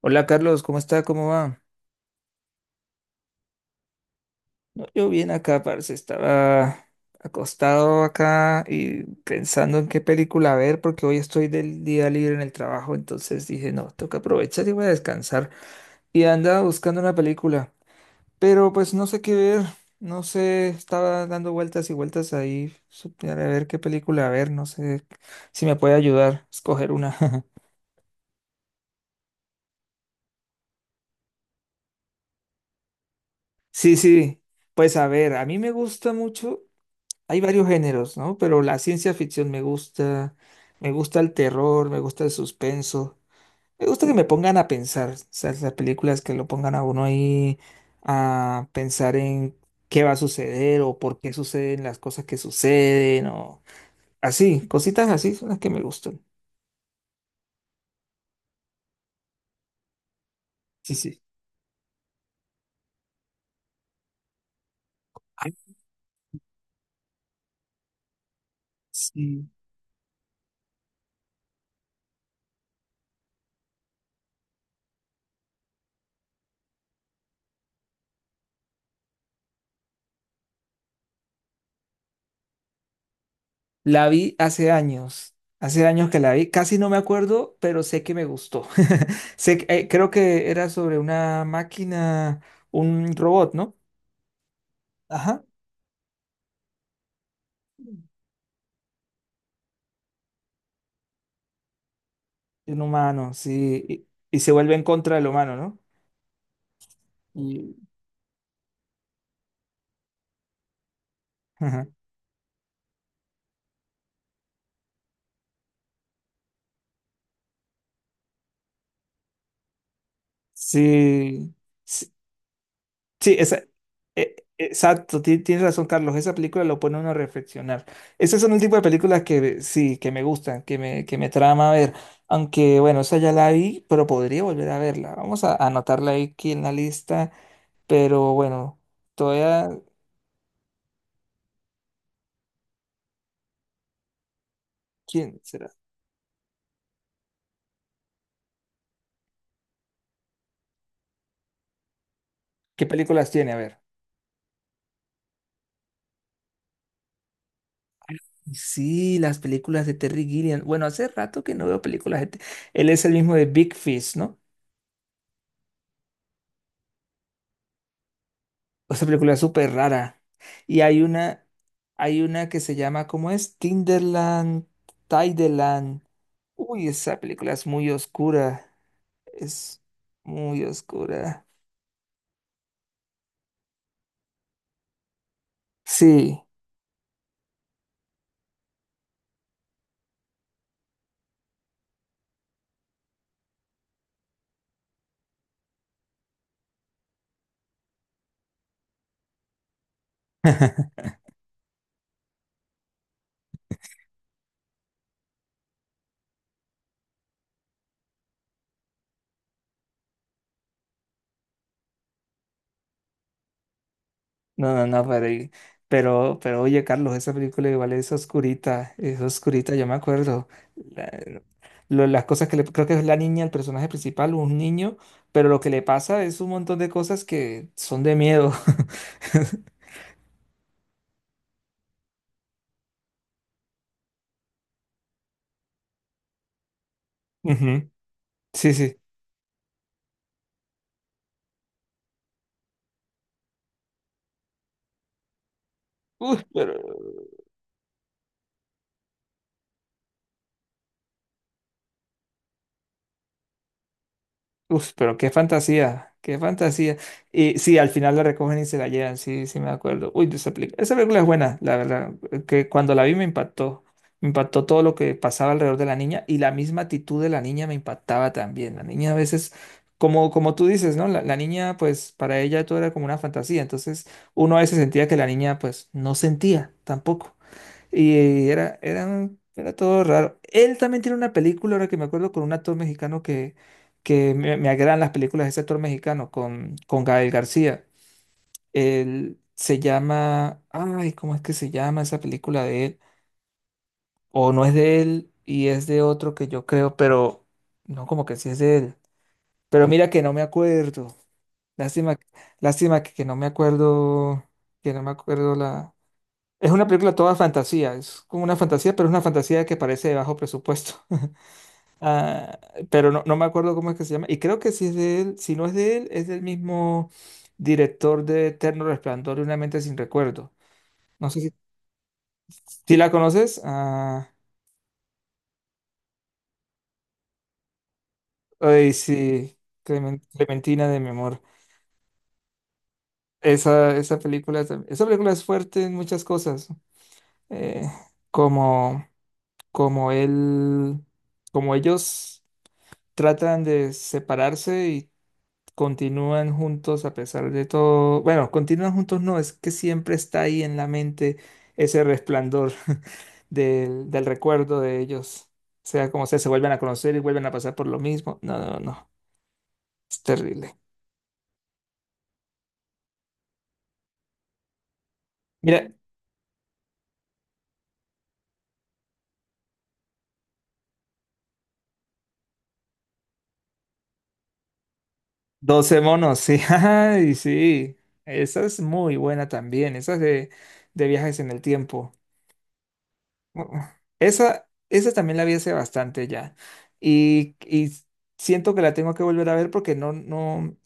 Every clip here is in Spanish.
Hola Carlos, ¿cómo está? ¿Cómo va? No, yo bien acá, parce, estaba acostado acá y pensando en qué película ver porque hoy estoy del día libre en el trabajo, entonces dije, no, toca aprovechar y voy a descansar. Y andaba buscando una película, pero pues no sé qué ver, no sé, estaba dando vueltas y vueltas ahí para ver qué película ver, no sé si me puede ayudar a escoger una. Sí, sí, pues a ver, a mí me gusta mucho. Hay varios géneros, ¿no? Pero la ciencia ficción me gusta el terror, me gusta el suspenso, me gusta que me pongan a pensar, o sea, las películas que lo pongan a uno ahí a pensar en qué va a suceder o por qué suceden las cosas que suceden o así, cositas así son las que me gustan. Sí, sí. Ah. Sí. La vi hace años que la vi, casi no me acuerdo, pero sé que me gustó. Sé, creo que era sobre una máquina, un robot, ¿no? Ajá, un humano, sí, y se vuelve en contra del humano, ¿no? Y- ajá. Sí, sí. Sí, exacto, tienes razón, Carlos. Esa película lo pone a uno a reflexionar. Ese son el tipo de películas que sí, que me gustan, que me trama ver. Aunque, bueno, esa ya la vi, pero podría volver a verla. Vamos a anotarla ahí aquí en la lista. Pero bueno, todavía, ¿quién será? ¿Qué películas tiene? A ver. Sí, las películas de Terry Gilliam. Bueno, hace rato que no veo películas de... él es el mismo de Big Fish, ¿no? Esa película es súper rara. Y hay una que se llama, ¿cómo es? Tinderland, Tideland. Uy, esa película es muy oscura. Es muy oscura. Sí. No, no, no, pero, pero, oye, Carlos, esa película igual es oscurita, yo me acuerdo. La- las cosas que le, creo que es la niña, el personaje principal, un niño, pero lo que le pasa es un montón de cosas que son de miedo. Ujú. Sí, sí. Uf, pero, uf, pero qué fantasía, qué fantasía. Y sí, al final la recogen y se la llevan, sí, sí me acuerdo. Uy, esa película es buena, la verdad, que cuando la vi me impactó. Me impactó todo lo que pasaba alrededor de la niña y la misma actitud de la niña me impactaba también. La niña a veces, como tú dices, ¿no? La niña, pues para ella todo era como una fantasía. Entonces uno a veces sentía que la niña, pues no sentía tampoco. Y era todo raro. Él también tiene una película, ahora que me acuerdo, con un actor mexicano que, me agradan las películas de ese actor mexicano, con Gael García. Él se llama, ay, ¿cómo es que se llama esa película de él? O no es de él y es de otro que yo creo, pero no como que sí es de él. Pero mira que no me acuerdo. Lástima, lástima que no me acuerdo, que no me acuerdo la... Es una película toda fantasía, es como una fantasía, pero es una fantasía que parece de bajo presupuesto. Ah, pero no, no me acuerdo cómo es que se llama. Y creo que si es de él, si no es de él, es del mismo director de Eterno Resplandor y Una mente sin recuerdo. No sé si la conoces. Ah, ay, sí, Clementina de mi amor. Esa película, esa película es fuerte en muchas cosas. eh, como, como él, como ellos tratan de separarse y continúan juntos a pesar de todo. Bueno, continúan juntos no, es que siempre está ahí en la mente ese resplandor del recuerdo de ellos. Sea como sea, se vuelven a conocer y vuelven a pasar por lo mismo. No, no, no, es terrible. Mira, doce monos, sí, ay, sí. Esa es muy buena también, de viajes en el tiempo. Uh, uh, Esa, esa también la vi hace bastante ya. Y siento que la tengo que volver a ver porque no, no...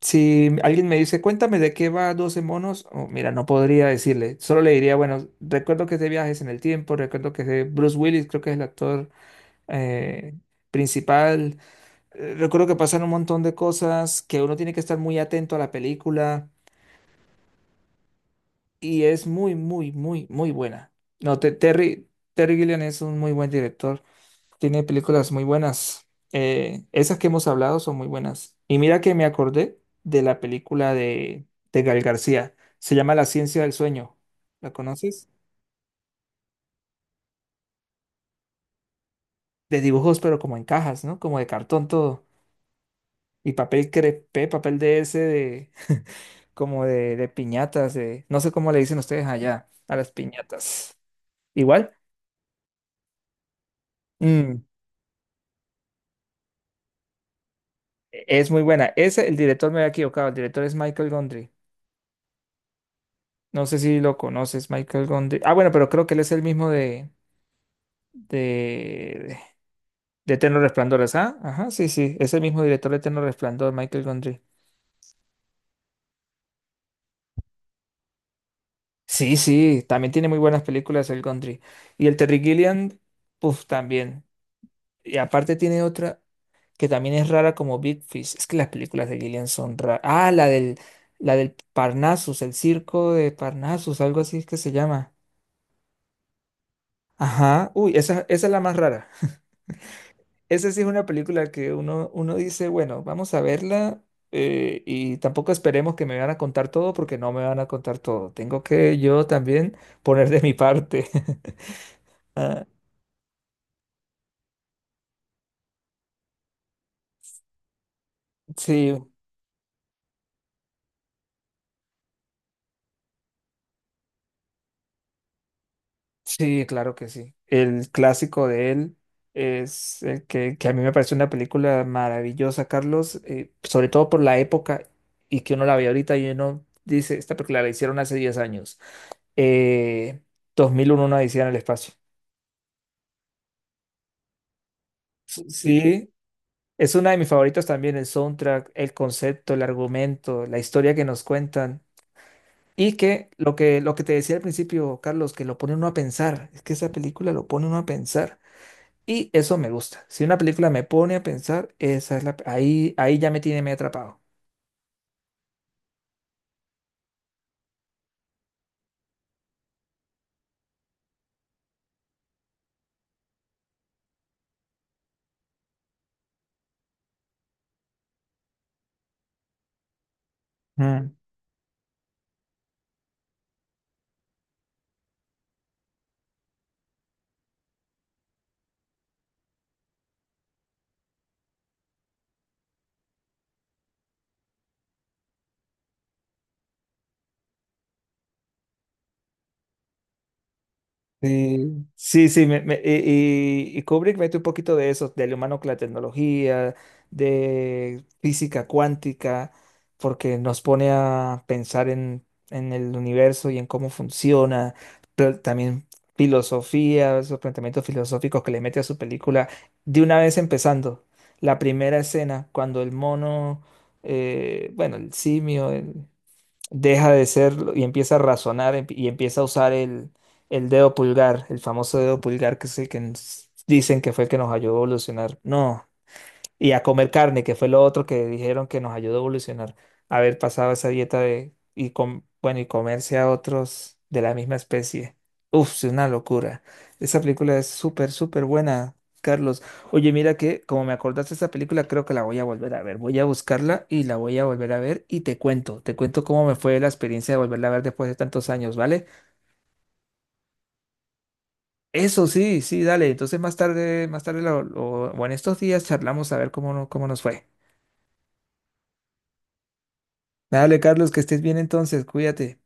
Si alguien me dice, cuéntame de qué va Doce monos, oh, mira, no podría decirle. Solo le diría, bueno, recuerdo que es de viajes en el tiempo, recuerdo que es de Bruce Willis, creo que es el actor eh, principal. Recuerdo que pasan un montón de cosas, que uno tiene que estar muy atento a la película y es muy, muy, muy, muy buena. No, Terry Gilliam es un muy buen director. Tiene películas muy buenas. Esas que hemos hablado son muy buenas. Y mira que me acordé de la película de Gal García. Se llama La ciencia del sueño. ¿La conoces? De dibujos, pero como en cajas, ¿no? Como de cartón todo. Y papel crepé, papel de ese, de... Como de piñatas, de... No sé cómo le dicen ustedes allá a las piñatas. Igual, mm, e-, es muy buena. Ese, el director me había equivocado. El director es Michael Gondry. No sé si lo conoces, Michael Gondry. Ah, bueno, pero creo que él es el mismo de, de Eterno Resplandor, ¿ah? Ajá, sí, sí, es el mismo director de Eterno Resplandor, Michael Gondry. Sí, sí, también tiene muy buenas películas el Gondry. Y el Terry Gilliam, puff, también. Y aparte tiene otra que también es rara como Big Fish. Es que las películas de Gilliam son raras. Ah, la del Parnassus, el circo de Parnassus, algo así es que se llama. Ajá, uy, esa es la más rara. Esa sí es una película que uno, uno dice, bueno, vamos a verla y tampoco esperemos que me van a contar todo porque no me van a contar todo. Tengo que yo también poner de mi parte. Ah, sí, sí, claro que sí. El clásico de él es el que a mí me parece una película maravillosa, Carlos, sobre todo por la época y que uno la ve ahorita y uno dice, esta película la hicieron hace 10 años. Eh, 2001, una odisea en el espacio. Sí, es una de mis favoritas también, el soundtrack, el concepto, el argumento, la historia que nos cuentan. Y que lo que, lo que te decía al principio, Carlos, que lo pone uno a pensar. Es que esa película lo pone uno a pensar. Y eso me gusta. Si una película me pone a pensar, esa es la, ahí, ahí ya me tiene medio atrapado. Mm. Sí, sí, sí, y, y Kubrick mete un poquito de eso, del humano con la tecnología, de física cuántica, porque nos pone a pensar en el universo y en cómo funciona, pero también filosofía, esos planteamientos filosóficos que le mete a su película. De una vez empezando, la primera escena, cuando el mono, bueno, el simio, deja de serlo y empieza a razonar y empieza a usar el dedo pulgar, el famoso dedo pulgar que es el que nos dicen que fue el que nos ayudó a evolucionar. No. Y a comer carne, que fue lo otro que dijeron que nos ayudó a evolucionar. Haber pasado esa dieta bueno, y comerse a otros de la misma especie. Uf, es una locura. Esa película es súper, súper buena, Carlos. Oye, mira que como me acordaste de esa película, creo que la voy a volver a ver. Voy a buscarla y la voy a volver a ver y te cuento. Te cuento cómo me fue la experiencia de volverla a ver después de tantos años, ¿vale? Eso sí, sí, dale. Entonces más tarde o en estos días charlamos a ver cómo, cómo nos fue. Dale, Carlos, que estés bien entonces, cuídate.